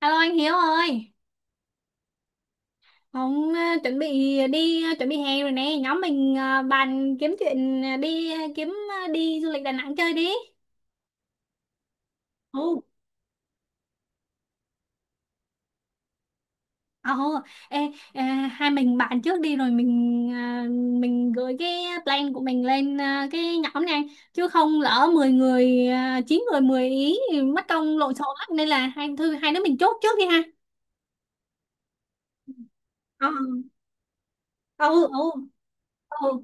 Alo anh Hiếu ơi, ông chuẩn bị đi chuẩn bị hè rồi nè. Nhóm mình bàn kiếm chuyện đi kiếm đi du lịch Đà Nẵng chơi đi. Ồ, ồ, ê, ờ, hai mình bàn trước đi rồi mình gửi cái plan của mình lên cái nhóm này, chứ không lỡ 10 người 9 người 10 ý thì mất công lộn xộn lắm, nên là hai đứa mình chốt trước đi ha. Ờ, ừ, ừ, ừ.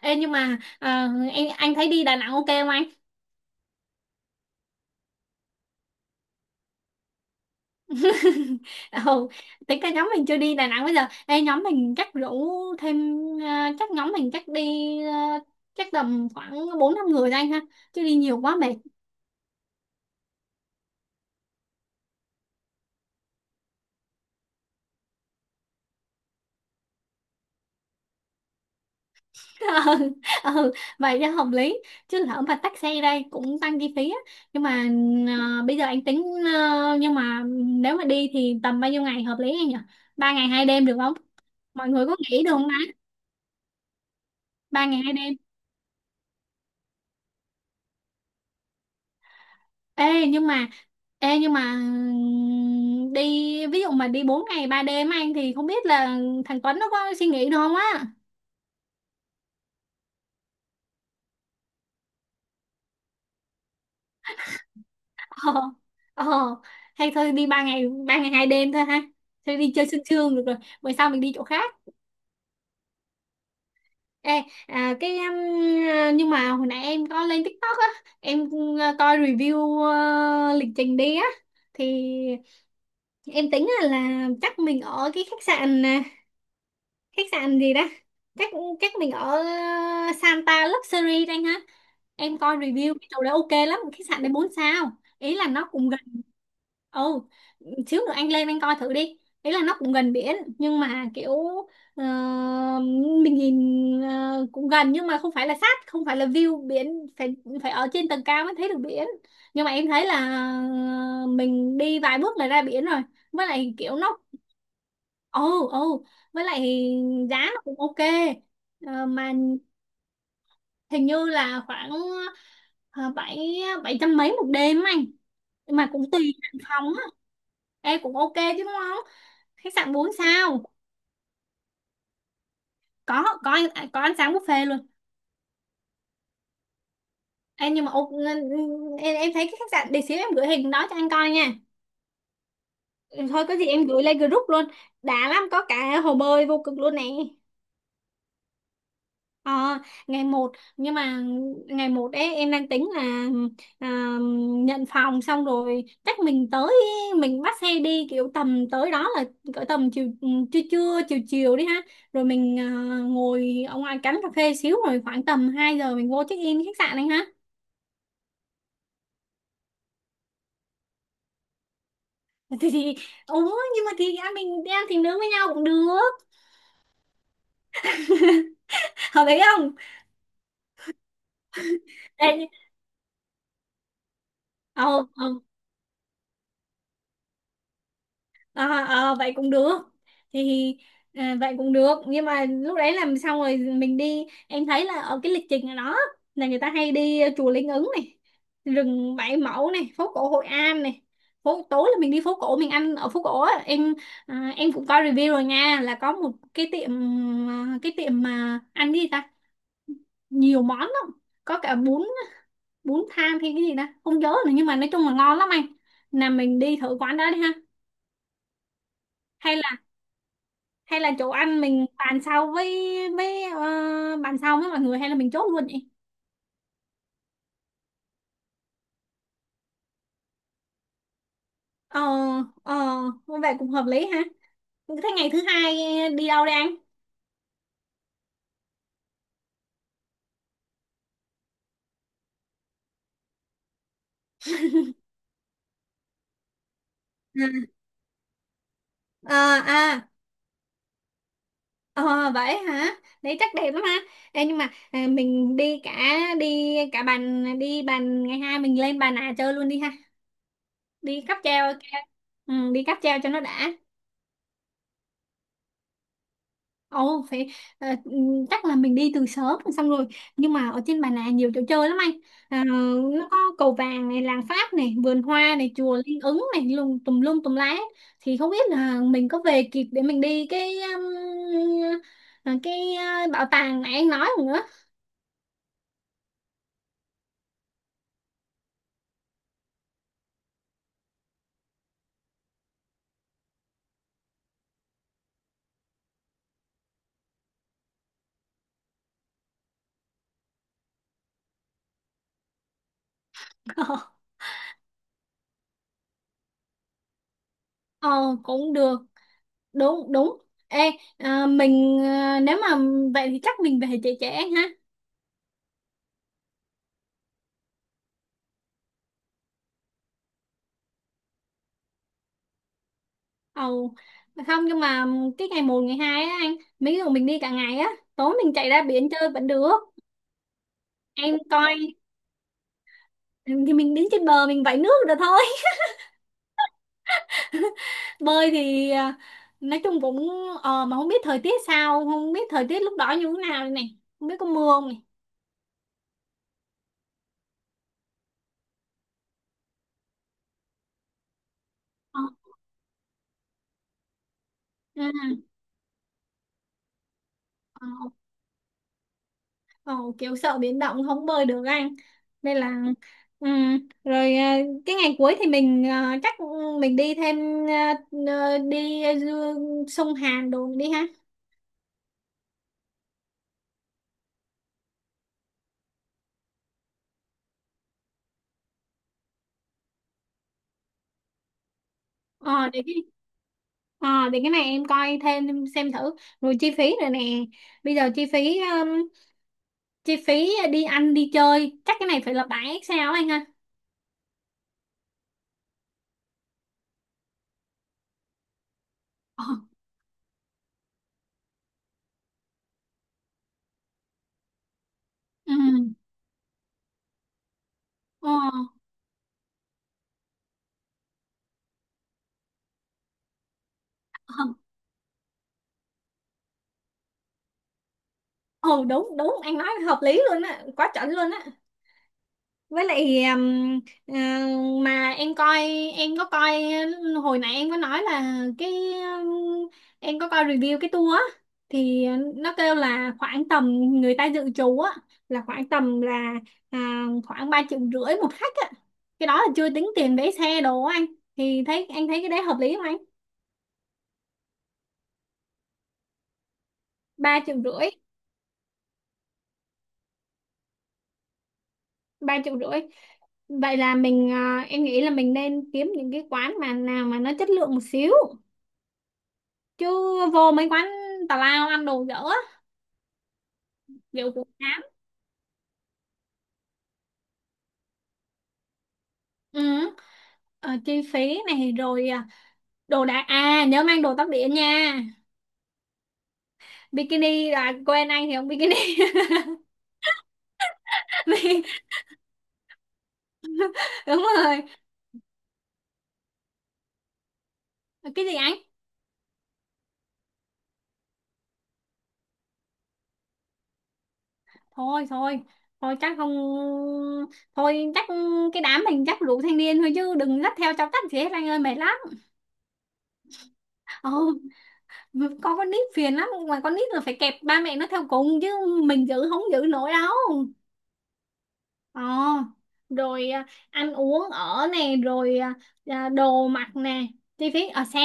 Ê, nhưng mà anh thấy đi Đà Nẵng ok không anh? Ừ, tính cả nhóm mình chưa đi Đà Nẵng bây giờ. Ê, nhóm mình chắc rủ thêm ờ, chắc nhóm mình chắc đi ờ, chắc tầm khoảng bốn năm người thôi anh ha, chứ đi nhiều quá mệt. Ừ, ừ, vậy cho hợp lý, chứ lỡ mà tắc xe đây cũng tăng chi phí á. Nhưng mà bây giờ anh tính nhưng mà nếu mà đi thì tầm bao nhiêu ngày hợp lý anh nhỉ? 3 ngày 2 đêm được không, mọi người có nghĩ được không ta? Ba ngày hai đêm. Ê nhưng mà ê nhưng mà đi ví dụ mà đi 4 ngày 3 đêm anh thì không biết là thằng Tuấn nó có suy nghĩ được không á. Ờ, ờ, hay thôi đi 3 ngày, 3 ngày 2 đêm thôi ha. Thôi đi chơi sương sương được rồi. Bữa sau mình đi chỗ khác. Ê, nhưng mà hồi nãy em có lên TikTok á, em coi review lịch trình đi á, thì em tính là chắc mình ở cái khách sạn khách sạn gì đó, chắc chắc mình ở ờ, Santa Luxury đây ha. Em coi review cái chỗ đấy ok lắm, khách sạn đấy 4 sao. Ý là nó cũng gần, ồ, xíu nữa anh lên anh coi thử đi. Ý là nó cũng gần biển nhưng mà kiểu ờ, mình nhìn cũng gần nhưng mà không phải là sát, không phải là view biển, phải phải ở trên tầng cao mới thấy được biển. Nhưng mà em thấy là ờ, mình đi vài bước là ra biển rồi, với lại kiểu nó. Ồ, ồ, với lại giá nó cũng ok. Ờ, mà hình như là khoảng ờ, bảy, bảy trăm mấy một đêm á anh. Mà cũng tùy hạng phòng á. Ê, cũng ok chứ đúng không? Khách sạn 4 sao. Có, có ăn sáng buffet luôn. Ê, nhưng mà ok, em thấy cái khách sạn để xíu em gửi hình đó cho anh coi nha. Ừ, thôi có gì em gửi lên group luôn. Đã lắm, có cả hồ bơi vô cực luôn nè. Ờ, ngày một, nhưng mà ngày một ấy em đang tính là à, nhận phòng xong rồi chắc mình tới, mình bắt xe đi kiểu tầm tới đó là cỡ tầm chiều, ừ, trưa trưa chiều chiều đi ha, rồi mình ngồi ở ngoài cánh cà phê xíu rồi khoảng tầm 2 giờ mình vô check in khách sạn anh ha. Thì ủa nhưng mà thì anh, mình đi ăn thì nướng với nhau cũng được, hợp lý không? Ê, ờ, ờ, à, à, vậy cũng được thì vậy cũng được, nhưng mà lúc đấy làm xong rồi mình đi, em thấy là ở cái lịch trình ở đó là người ta hay đi chùa Linh Ứng này, rừng Bảy Mẫu này, phố cổ Hội An này. Phố tối là mình đi phố cổ mình ăn ở phố cổ á em. Em cũng coi review rồi nha là có một cái tiệm, cái tiệm mà ăn cái gì ta, nhiều món lắm, có cả bún, bún thang hay cái gì ta không nhớ nữa, nhưng mà nói chung là ngon lắm anh, là mình đi thử quán đó đi ha. Hay là, hay là chỗ ăn mình bàn sau với bàn sau với mọi người hay là mình chốt luôn vậy? Ờ, ờ, vậy cũng hợp lý ha. Thế ngày thứ hai đi đâu đây anh? À, à, à. Ờ, vậy hả? Đấy chắc đẹp lắm ha. Ê, nhưng mà mình đi cả, đi cả bàn, đi bàn ngày hai mình lên bàn nà chơi luôn đi ha, đi cáp treo. Ừ, đi cáp treo cho nó đã. Ồ, phải, ờ, ừ, chắc là mình đi từ sớm rồi xong rồi. Nhưng mà ở trên Bà Nà nhiều chỗ chơi lắm anh, à, nó có cầu vàng này, làng Pháp này, vườn hoa này, chùa Linh Ứng này, lùng tùm lum tùm lá. Thì không biết là mình có về kịp để mình đi cái um, cái bảo tàng này anh nói không nữa. Ờ, cũng được. Đúng, đúng. Ê, mình nếu mà vậy thì chắc mình về trễ trễ ha. Ồ, không nhưng mà cái ngày một, ngày 2 á anh, mấy người mình đi cả ngày á, tối mình chạy ra biển chơi vẫn được. Em coi thì mình đứng trên bờ mình vẫy nước được thôi. Bơi thì nói chung cũng, ờ, mà không biết thời tiết sao, không biết thời tiết lúc đó như thế nào đây này, không biết có mưa không này. Ờ, ừ, ờ. Ồ, kiểu sợ biển động không bơi được anh, nên là rồi cái ngày cuối thì mình chắc, ừ, mình đi thêm ờ, sông Hàn đồ đi ha. ờ để cái ờ để cái này em coi thêm xem thử, rồi chi phí rồi nè. Bây giờ chi phí đi ăn đi chơi chắc cái này phải là 7 sao anh ha. Ờ, ừ, ờ, ờ, ờ, đúng đúng anh nói hợp lý luôn á, quá chuẩn luôn á. Với lại ờ, mà em coi, em có coi hồi nãy em có nói là cái em có coi review cái tour á, thì nó kêu là khoảng tầm, người ta dự trù á là khoảng tầm là à, khoảng 3,5 triệu một khách á. Cái đó là chưa tính tiền vé xe đồ á anh, thì thấy anh thấy cái đấy hợp lý không anh? Ba triệu rưỡi. Ba triệu rưỡi vậy là mình, em nghĩ là mình nên kiếm những cái quán mà nào mà nó chất lượng một xíu, chứ vô mấy quán tào lao ăn đồ dở á, liệu cũng chán. Ừ. Ờ, chi phí này rồi, đồ đạc, à, nhớ mang đồ tắm biển nha, bikini, là quên anh thì không bikini. Vì- đúng rồi. Cái gì anh? Thôi, thôi, thôi chắc không, thôi chắc cái đám mình chắc đủ thanh niên thôi chứ đừng dắt theo cháu tắt gì hết anh ơi, mệt lắm. Ồ, con nít phiền lắm, mà con nít là phải kẹp ba mẹ nó theo cùng chứ, mình giữ không giữ nổi đâu. Ờ, rồi ăn uống ở nè, rồi đồ mặc nè, chi phí ở xe,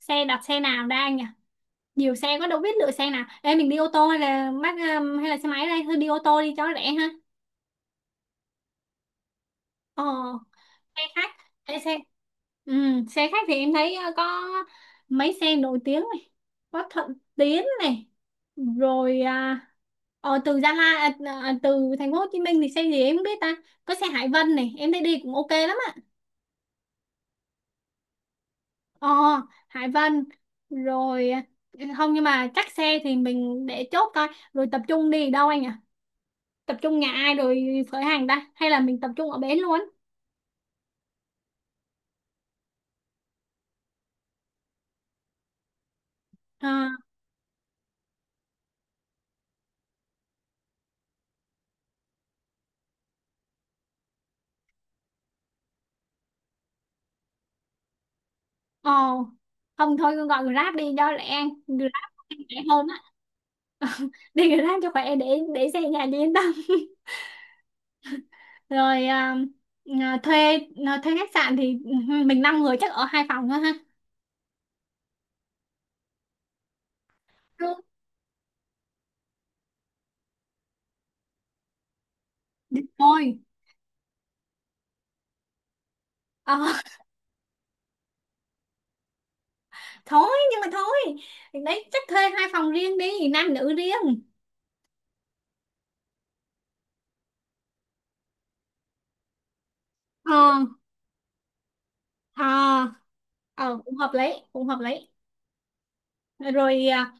xe đặt xe nào ra nhỉ? Nhiều xe quá đâu biết lựa xe nào. Ê, mình đi ô tô hay là bắt hay là xe máy đây? Thôi đi ô tô đi cho nó rẻ ha. Ờ, xe khách. Ê, xe, ừ, xe khách thì em thấy có mấy xe nổi tiếng này, có Thuận Tiến này, rồi từ Gia Lai, từ thành phố Hồ Chí Minh thì xe gì em không biết ta. Có xe Hải Vân này, em thấy đi cũng ok lắm. Ờ, Hải Vân. Rồi, ừ, không nhưng mà chắc xe thì mình để chốt thôi. Rồi tập trung đi đâu anh ạ? Tập trung nhà ai rồi khởi hành ta hay là mình tập trung ở bến luôn? Ờ, ờ, không thôi cứ gọi Grab đi cho lẹ anh. Grab rẻ hơn á. Đi Grab cho khỏe, để xe nhà đi yên tâm. Rồi, thuê thuê khách sạn thì, ừ, mình 5 người chắc ở 2 phòng thôi ha. Đúng. Thôi, ờ, thôi nhưng mà thôi đấy chắc thuê 2 phòng riêng đi, nam nữ riêng. Ờ, ờ, ờ cũng hợp lý. Cũng hợp lý. Rồi,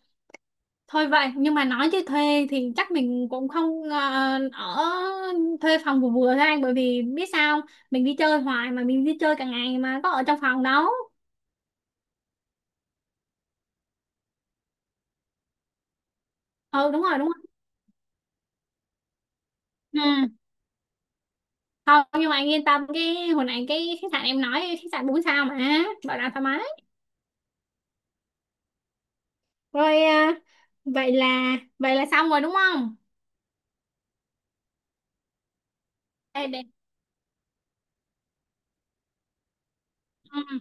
thôi vậy nhưng mà nói chứ thuê thì chắc mình cũng không ở, thuê phòng vừa vừa thôi anh, bởi vì biết sao không? Mình đi chơi hoài mà mình đi chơi cả ngày mà có ở trong phòng đâu. Ừ, đúng rồi, đúng rồi. Ừ, không nhưng mà anh yên tâm cái hồi nãy cái khách sạn em nói khách sạn bốn sao mà bảo đảm thoải mái. Rồi, vậy là, vậy là xong rồi đúng không? Ê, để, ừ.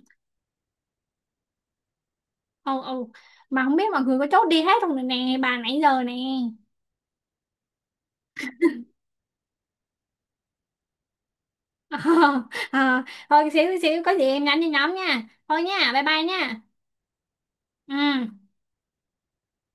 Ừ, ừ, mà không biết mọi người có chốt đi hết không rồi nè bà nãy giờ nè. Ờ, ờ. Thôi xíu xíu có gì em nhắn cho nhóm nha, thôi nha, bye bye nha. Ừ.